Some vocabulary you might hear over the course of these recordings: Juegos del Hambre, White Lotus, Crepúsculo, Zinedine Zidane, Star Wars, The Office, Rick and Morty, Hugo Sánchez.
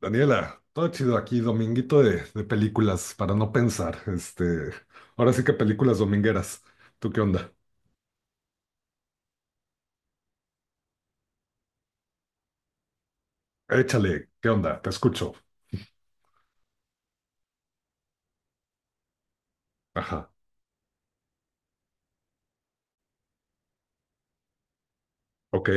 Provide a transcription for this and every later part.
Daniela, todo chido aquí, dominguito de películas para no pensar. Ahora sí que películas domingueras. ¿Tú qué onda? Échale, ¿qué onda? Te escucho. Ajá, ok.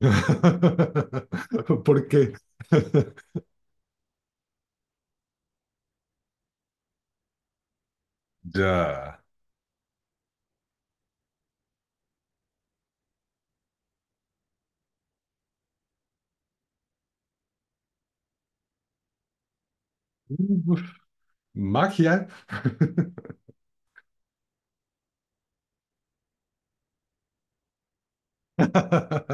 ¿Por qué? Ya. Magia.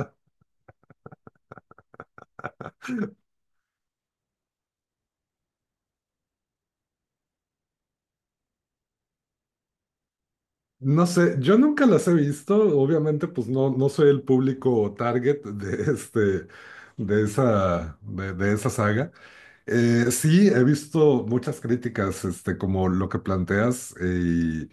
No sé, yo nunca las he visto, obviamente pues no soy el público target de este de esa saga. Sí, he visto muchas críticas, como lo que planteas, y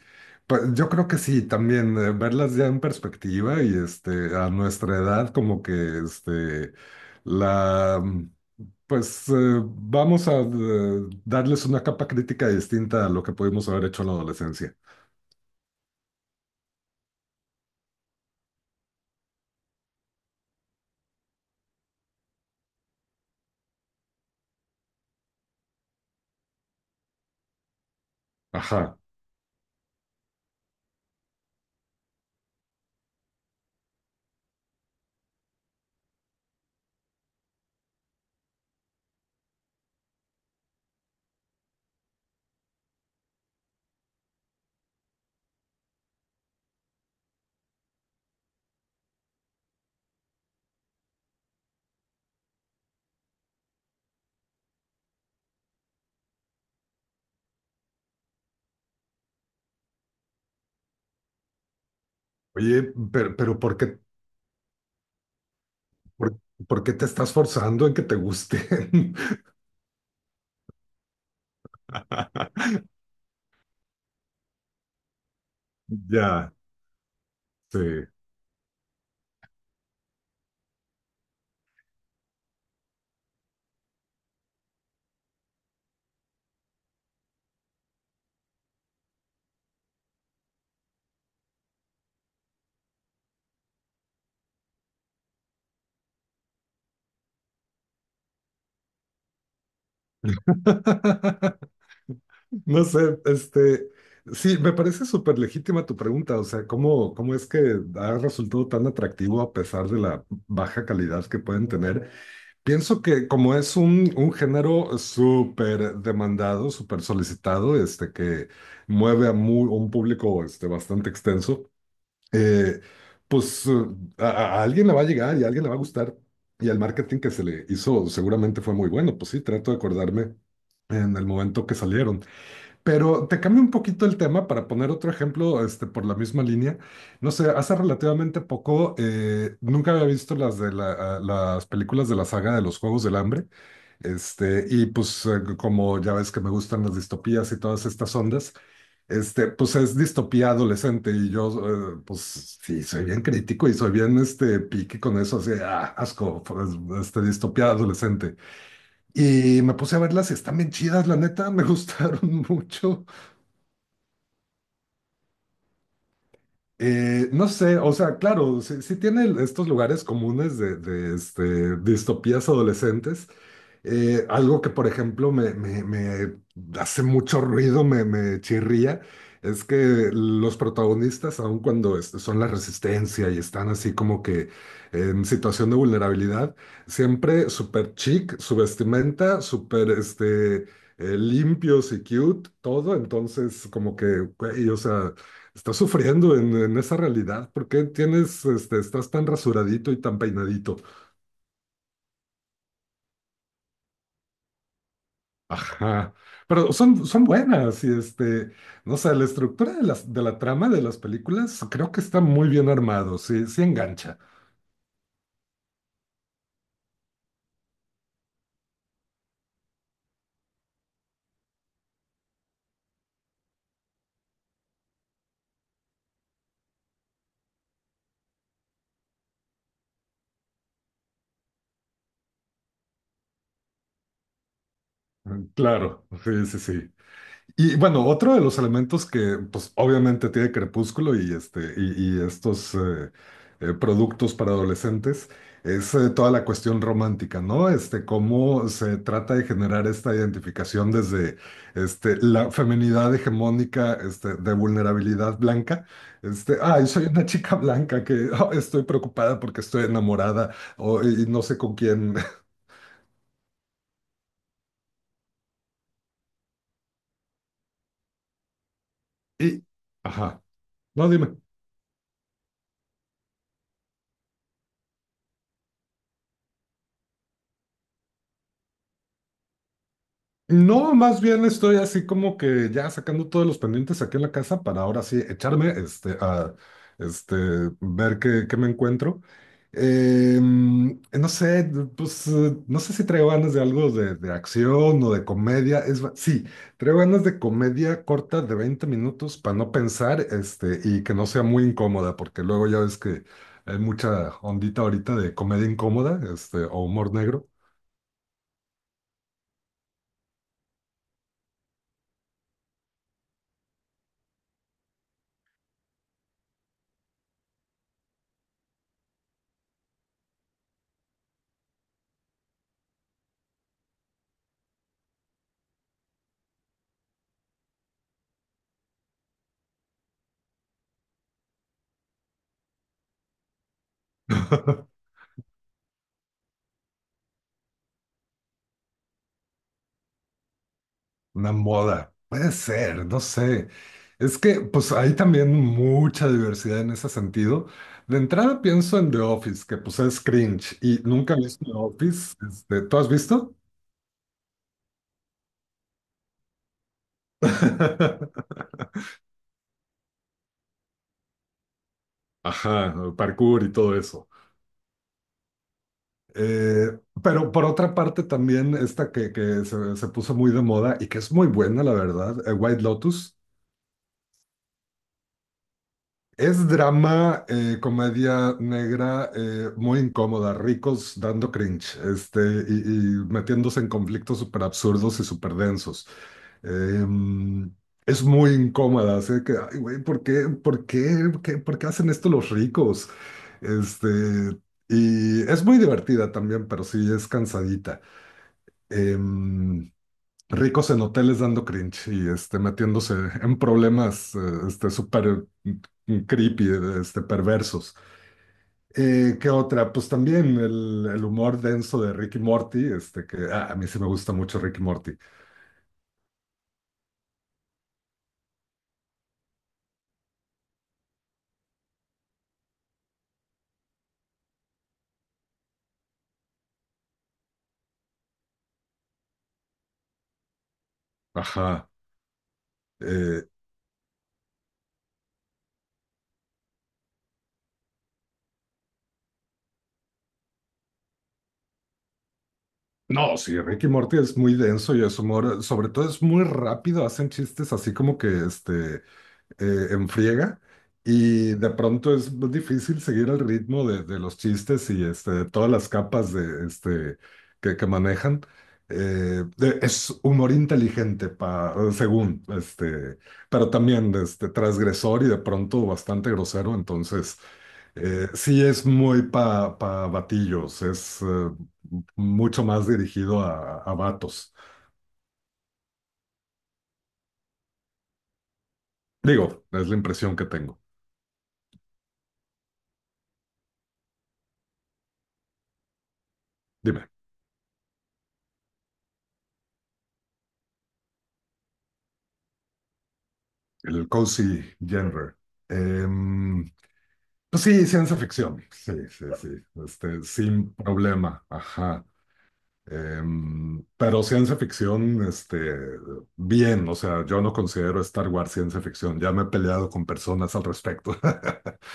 pues, yo creo que sí, también verlas ya en perspectiva y a nuestra edad, como que este, la, mm, pues vamos a darles una capa crítica distinta a lo que pudimos haber hecho en la adolescencia. Ajá. Oye, pero por, por qué te estás forzando en que te gusten? Ya, sí. No sé, sí, me parece súper legítima tu pregunta, o sea, ¿cómo es que ha resultado tan atractivo a pesar de la baja calidad que pueden tener? Pienso que como es un género súper demandado, súper solicitado, que mueve a un público, bastante extenso, eh, pues eh, a, a alguien le va a llegar y a alguien le va a gustar. Y el marketing que se le hizo seguramente fue muy bueno, pues sí, trato de acordarme en el momento que salieron. Pero te cambio un poquito el tema para poner otro ejemplo, por la misma línea. No sé, hace relativamente poco, nunca había visto las películas de la saga de los Juegos del Hambre. Y pues, como ya ves que me gustan las distopías y todas estas ondas, pues es distopía adolescente y yo, pues sí, soy bien crítico y soy bien, pique con eso, así, asco, pues, distopía adolescente. Y me puse a verlas y están bien chidas, la neta, me gustaron mucho. No sé, o sea, claro, sí, sí tiene estos lugares comunes de distopías adolescentes. Algo que, por ejemplo, me hace mucho ruido, me chirría, es que los protagonistas, aun cuando son la resistencia y están así como que en situación de vulnerabilidad, siempre súper chic, su vestimenta, súper limpios y cute, todo. Entonces, como que, güey, o sea. Estás sufriendo en esa realidad. ¿Por qué estás tan rasuradito y tan peinadito? Ajá. Pero son buenas y no sé, la estructura de la trama de las películas creo que está muy bien armado. Sí, sí engancha. Mm, claro, sí, sí, sí. Y bueno, otro de los elementos que, pues, obviamente tiene Crepúsculo y estos productos para adolescentes es toda la cuestión romántica, ¿no? Cómo se trata de generar esta identificación desde la feminidad hegemónica, de vulnerabilidad blanca. Ay, soy una chica blanca que estoy preocupada porque estoy enamorada y no sé con quién. Y, ajá, no, dime. No, más bien estoy así como que ya sacando todos los pendientes aquí en la casa para ahora sí echarme a este, ver qué me encuentro. No sé, pues no sé si traigo ganas de algo de acción o de comedia. Sí, traigo ganas de comedia corta de 20 minutos para no pensar y que no sea muy incómoda, porque luego ya ves que hay mucha ondita ahorita de comedia incómoda o humor negro. Una moda. Puede ser, no sé. Es que pues hay también mucha diversidad en ese sentido. De entrada pienso en The Office, que pues es cringe y nunca he visto The Office. ¿Tú has visto? Ajá, parkour y todo eso. Pero por otra parte también esta que se puso muy de moda y que es muy buena, la verdad, White Lotus. Es drama, comedia negra, muy incómoda, ricos dando cringe, y, y metiéndose en conflictos súper absurdos y súper densos. Em, es muy incómoda, así que, ay, güey, ¿por qué hacen esto los ricos? Este, y es muy divertida también, pero sí es cansadita. Em, ricos en hoteles dando cringe y metiéndose en problemas súper creepy, perversos. ¿Qué otra? Pues también el humor denso de Ricky Morty, que a mí sí me gusta mucho Ricky Morty. Ajá. Eh, no, sí, Ricky Morty es muy denso y es humor, sobre todo es muy rápido, hacen chistes así como que en friega y de pronto es difícil seguir el ritmo de los chistes y de todas las capas de que manejan. Es humor inteligente, según, pero también transgresor y de pronto bastante grosero, entonces sí es muy pa batillos, es mucho más dirigido a vatos. Digo, es la impresión que tengo. Dime. El cozy genre. Em, pues sí, ciencia ficción. Sí, sí, sí. Sin problema. Ajá. Pero ciencia ficción, bien. O sea, yo no considero Star Wars ciencia ficción. Ya me he peleado con personas al respecto.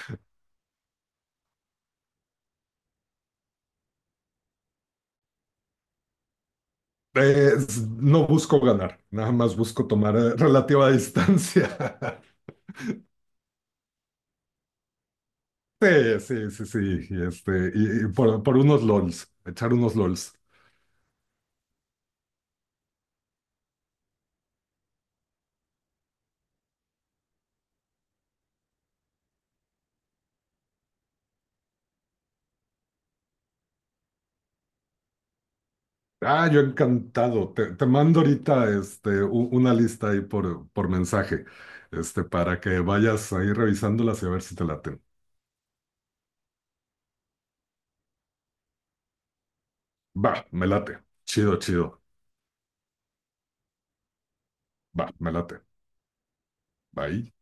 No busco ganar, nada más busco tomar relativa distancia. Sí, sí, sí, sí. Y por unos LOLs, echar unos LOLs. Yo encantado. Te mando ahorita una lista ahí por mensaje, para que vayas ahí revisándolas y a ver si te laten. Va, me late. Chido, chido. Va, me late. Bye.